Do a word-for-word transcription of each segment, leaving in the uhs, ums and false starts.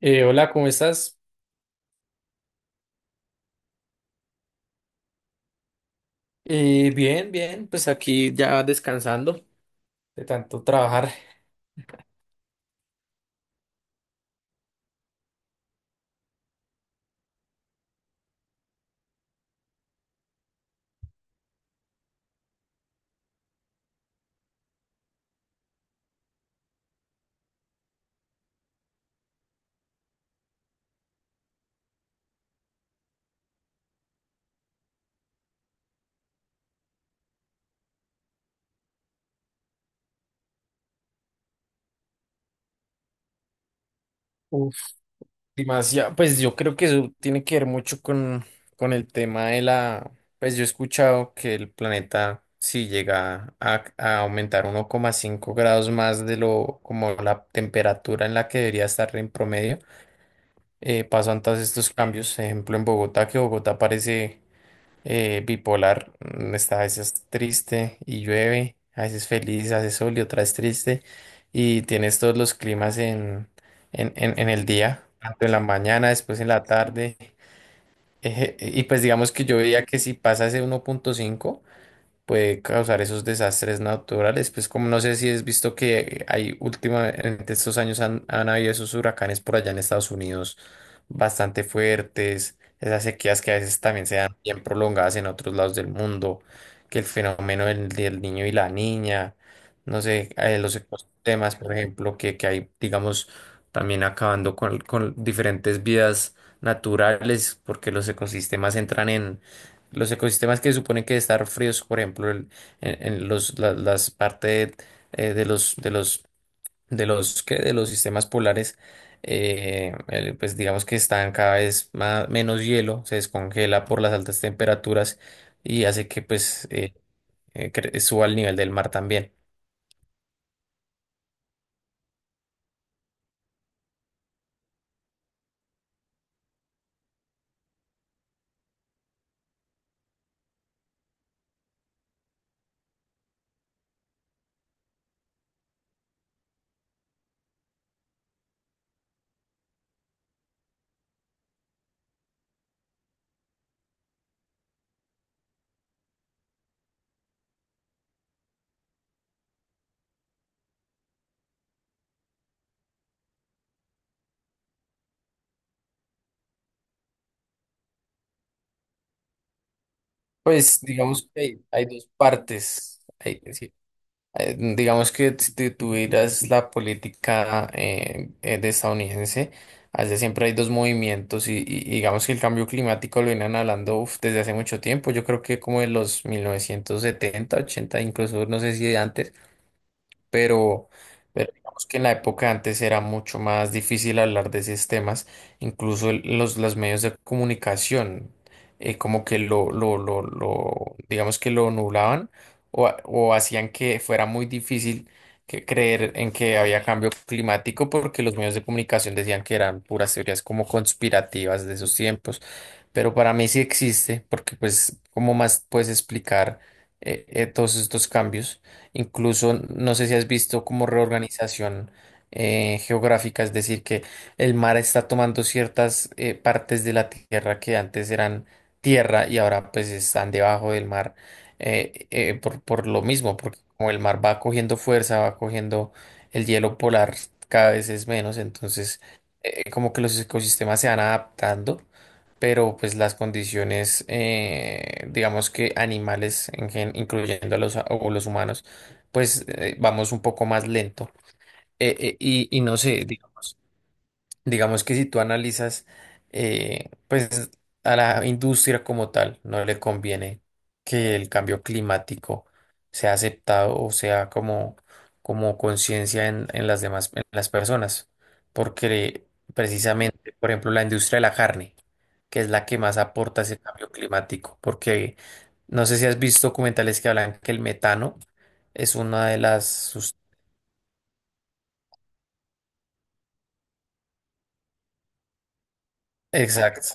Eh, hola, ¿cómo estás? Eh, bien, bien, pues aquí ya descansando de tanto trabajar. Uf, demasiado. Pues yo creo que eso tiene que ver mucho con, con el tema de la. Pues yo he escuchado que el planeta, si llega a, a aumentar uno coma cinco grados más de lo como la temperatura en la que debería estar en promedio, eh, pasan todos estos cambios. Ejemplo, en Bogotá, que Bogotá parece eh, bipolar, mm, está a veces triste y llueve, a veces feliz, hace sol y otras triste, y tienes todos los climas en, en, en- en el día, tanto en la mañana, después en la tarde, eh, y pues digamos que yo veía que si pasa ese uno punto cinco, puede causar esos desastres naturales. Pues como no sé si has visto que hay últimamente estos años han, han habido esos huracanes por allá en Estados Unidos bastante fuertes, esas sequías que a veces también se dan bien prolongadas en otros lados del mundo, que el fenómeno del, del niño y la niña, no sé, eh, los ecosistemas, por ejemplo, que, que hay, digamos, también acabando con, con diferentes vidas naturales, porque los ecosistemas entran en los ecosistemas que suponen que estar fríos, por ejemplo, el- en, en los, la- las partes de los, de los, de los, ¿qué? De los sistemas polares, eh, el- pues digamos que están cada vez más, menos hielo, se descongela por las altas temperaturas y hace que pues eh, eh, cre- suba el nivel del mar también. Pues digamos que hay, hay dos partes. Hay- sí, eh, digamos que si tú tuvieras la política eh, eh, de estadounidense, allá siempre hay dos movimientos y, y digamos que el cambio climático lo vienen hablando uf, desde hace mucho tiempo, yo creo que como en los mil novecientos setenta, ochenta, incluso no sé si de antes pero, pero digamos que en la época antes era mucho más difícil hablar de esos temas, incluso el- los, los medios de comunicación, eh, como que lo, lo, lo, lo, digamos que lo nublaban o, ha- o hacían que fuera muy difícil que creer en que había cambio climático porque los medios de comunicación decían que eran puras teorías como conspirativas de esos tiempos, pero para mí sí existe porque pues, ¿cómo más puedes explicar eh, eh, todos estos cambios? Incluso, no sé si has visto como reorganización eh, geográfica, es decir, que el mar está tomando ciertas eh, partes de la tierra que antes eran tierra y ahora pues están debajo del mar eh, eh, por, por lo mismo, porque como el mar va cogiendo fuerza, va cogiendo el hielo polar cada vez es menos, entonces eh, como que los ecosistemas se van adaptando pero pues las condiciones, eh, digamos que animales, en gen- incluyendo a los, a- o los humanos, pues eh, vamos un poco más lento. Eh, eh, y, y no sé, digamos. Digamos que si tú analizas, eh, pues a la industria como tal no le conviene que el cambio climático sea aceptado o sea como, como conciencia en, en las demás, en las personas, porque precisamente, por ejemplo, la industria de la carne, que es la que más aporta ese cambio climático, porque no sé si has visto documentales que hablan que el metano es una de las... sus- Exacto.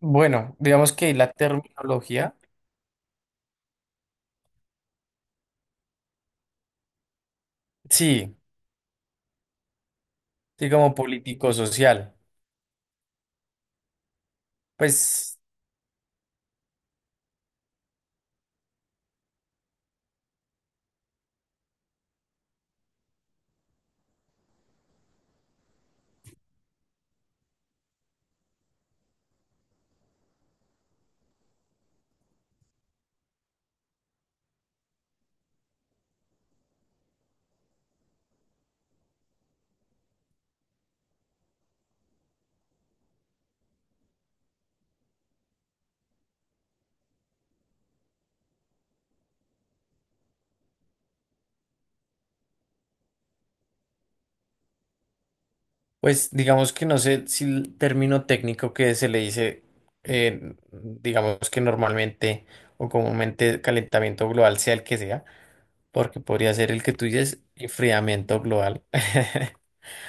Bueno, digamos que la terminología... Sí, sí, como político-social. Pues, pues digamos que no sé si el término técnico que se le dice, eh, digamos que normalmente o comúnmente calentamiento global sea el que sea, porque podría ser el que tú dices enfriamiento global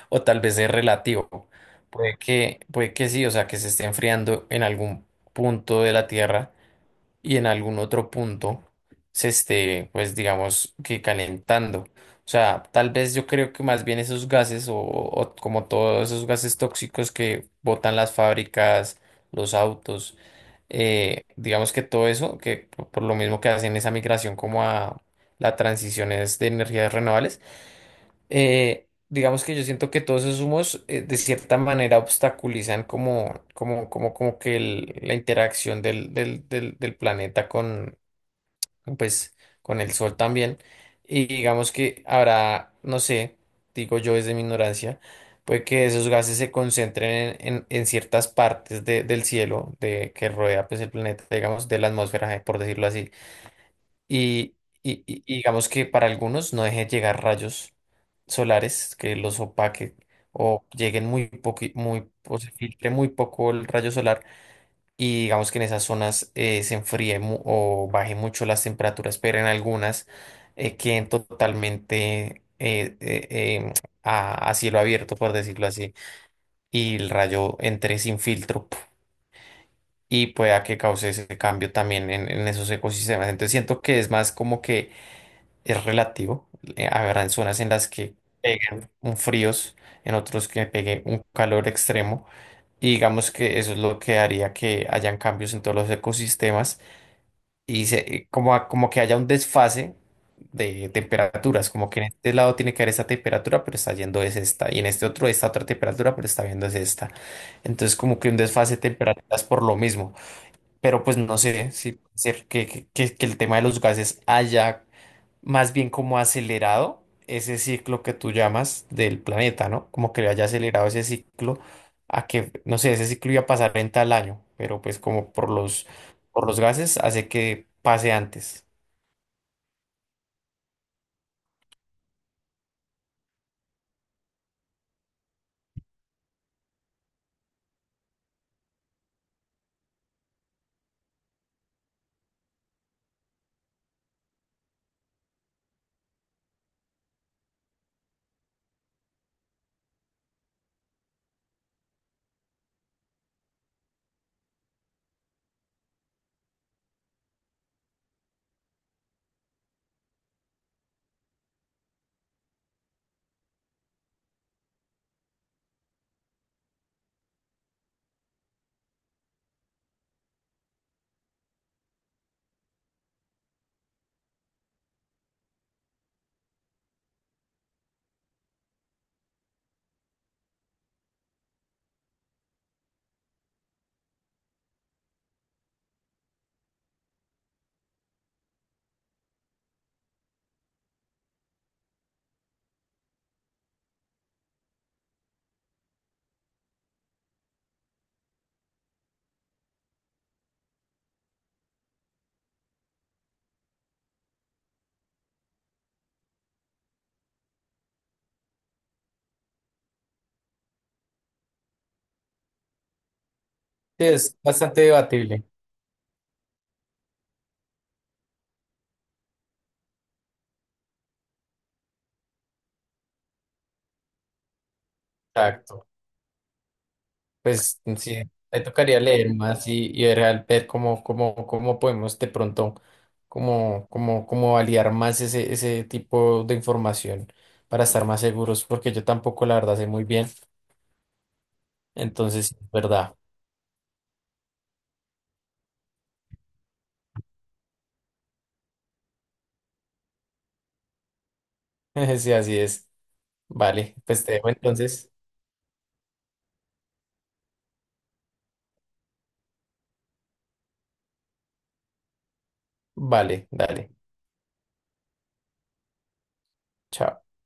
o tal vez es relativo. Puede que, puede que sí, o sea, que se esté enfriando en algún punto de la Tierra y en algún otro punto se esté, pues digamos que calentando. O sea, tal vez yo creo que más bien esos gases o, o como todos esos gases tóxicos que botan las fábricas, los autos, eh, digamos que todo eso, que por por lo mismo que hacen esa migración como a la transición es de energías renovables, eh, digamos que yo siento que todos esos humos eh, de cierta manera obstaculizan como, como, como, como que el- la interacción del, del, del, del planeta con, pues, con el sol también. Y digamos que habrá, no sé, digo yo desde mi ignorancia, puede que esos gases se concentren en, en, en ciertas partes de- del cielo de, que rodea pues, el planeta, digamos, de la atmósfera, eh, por decirlo así. Y, y- y- y digamos que para algunos no deje llegar rayos solares que los opaque o lleguen muy poco, muy, o se filtre muy poco el rayo solar y digamos que en esas zonas eh, se enfríe mu- o baje mucho las temperaturas, pero en algunas eh, queden totalmente eh, eh, em, a, a cielo abierto, por decirlo así, y el rayo entre sin filtro. ¡Puf! Y pueda que cause ese cambio también en, en esos ecosistemas. Entonces siento que es más como que es relativo. Eh, Habrán zonas en las que peguen un fríos, en otros que pegue un calor extremo. Y digamos que eso es lo que haría que hayan cambios en todos los ecosistemas y se- eh, como, a- como que haya un desfase de temperaturas, como que en este lado tiene que haber esta temperatura, pero está yendo es esta, y en este otro esta otra temperatura, pero está viendo es esta. Entonces como que un desfase de temperaturas por lo mismo. Pero pues no sé si puede ser que, que, que que el tema de los gases haya más bien como acelerado ese ciclo que tú llamas del planeta, ¿no? Como que le haya acelerado ese ciclo a que, no sé, ese ciclo iba a pasar en tal año, pero pues como por los, por los, gases hace que pase antes. Sí, es bastante debatible. Exacto. Pues sí, me tocaría leer más y, y ver, al- ver cómo, cómo, cómo podemos de pronto, cómo, cómo, cómo validar más ese, ese tipo de información para estar más seguros, porque yo tampoco la verdad sé muy bien. Entonces, sí, es verdad. Sí, así es. Vale, pues te dejo entonces. Vale, dale. Chao.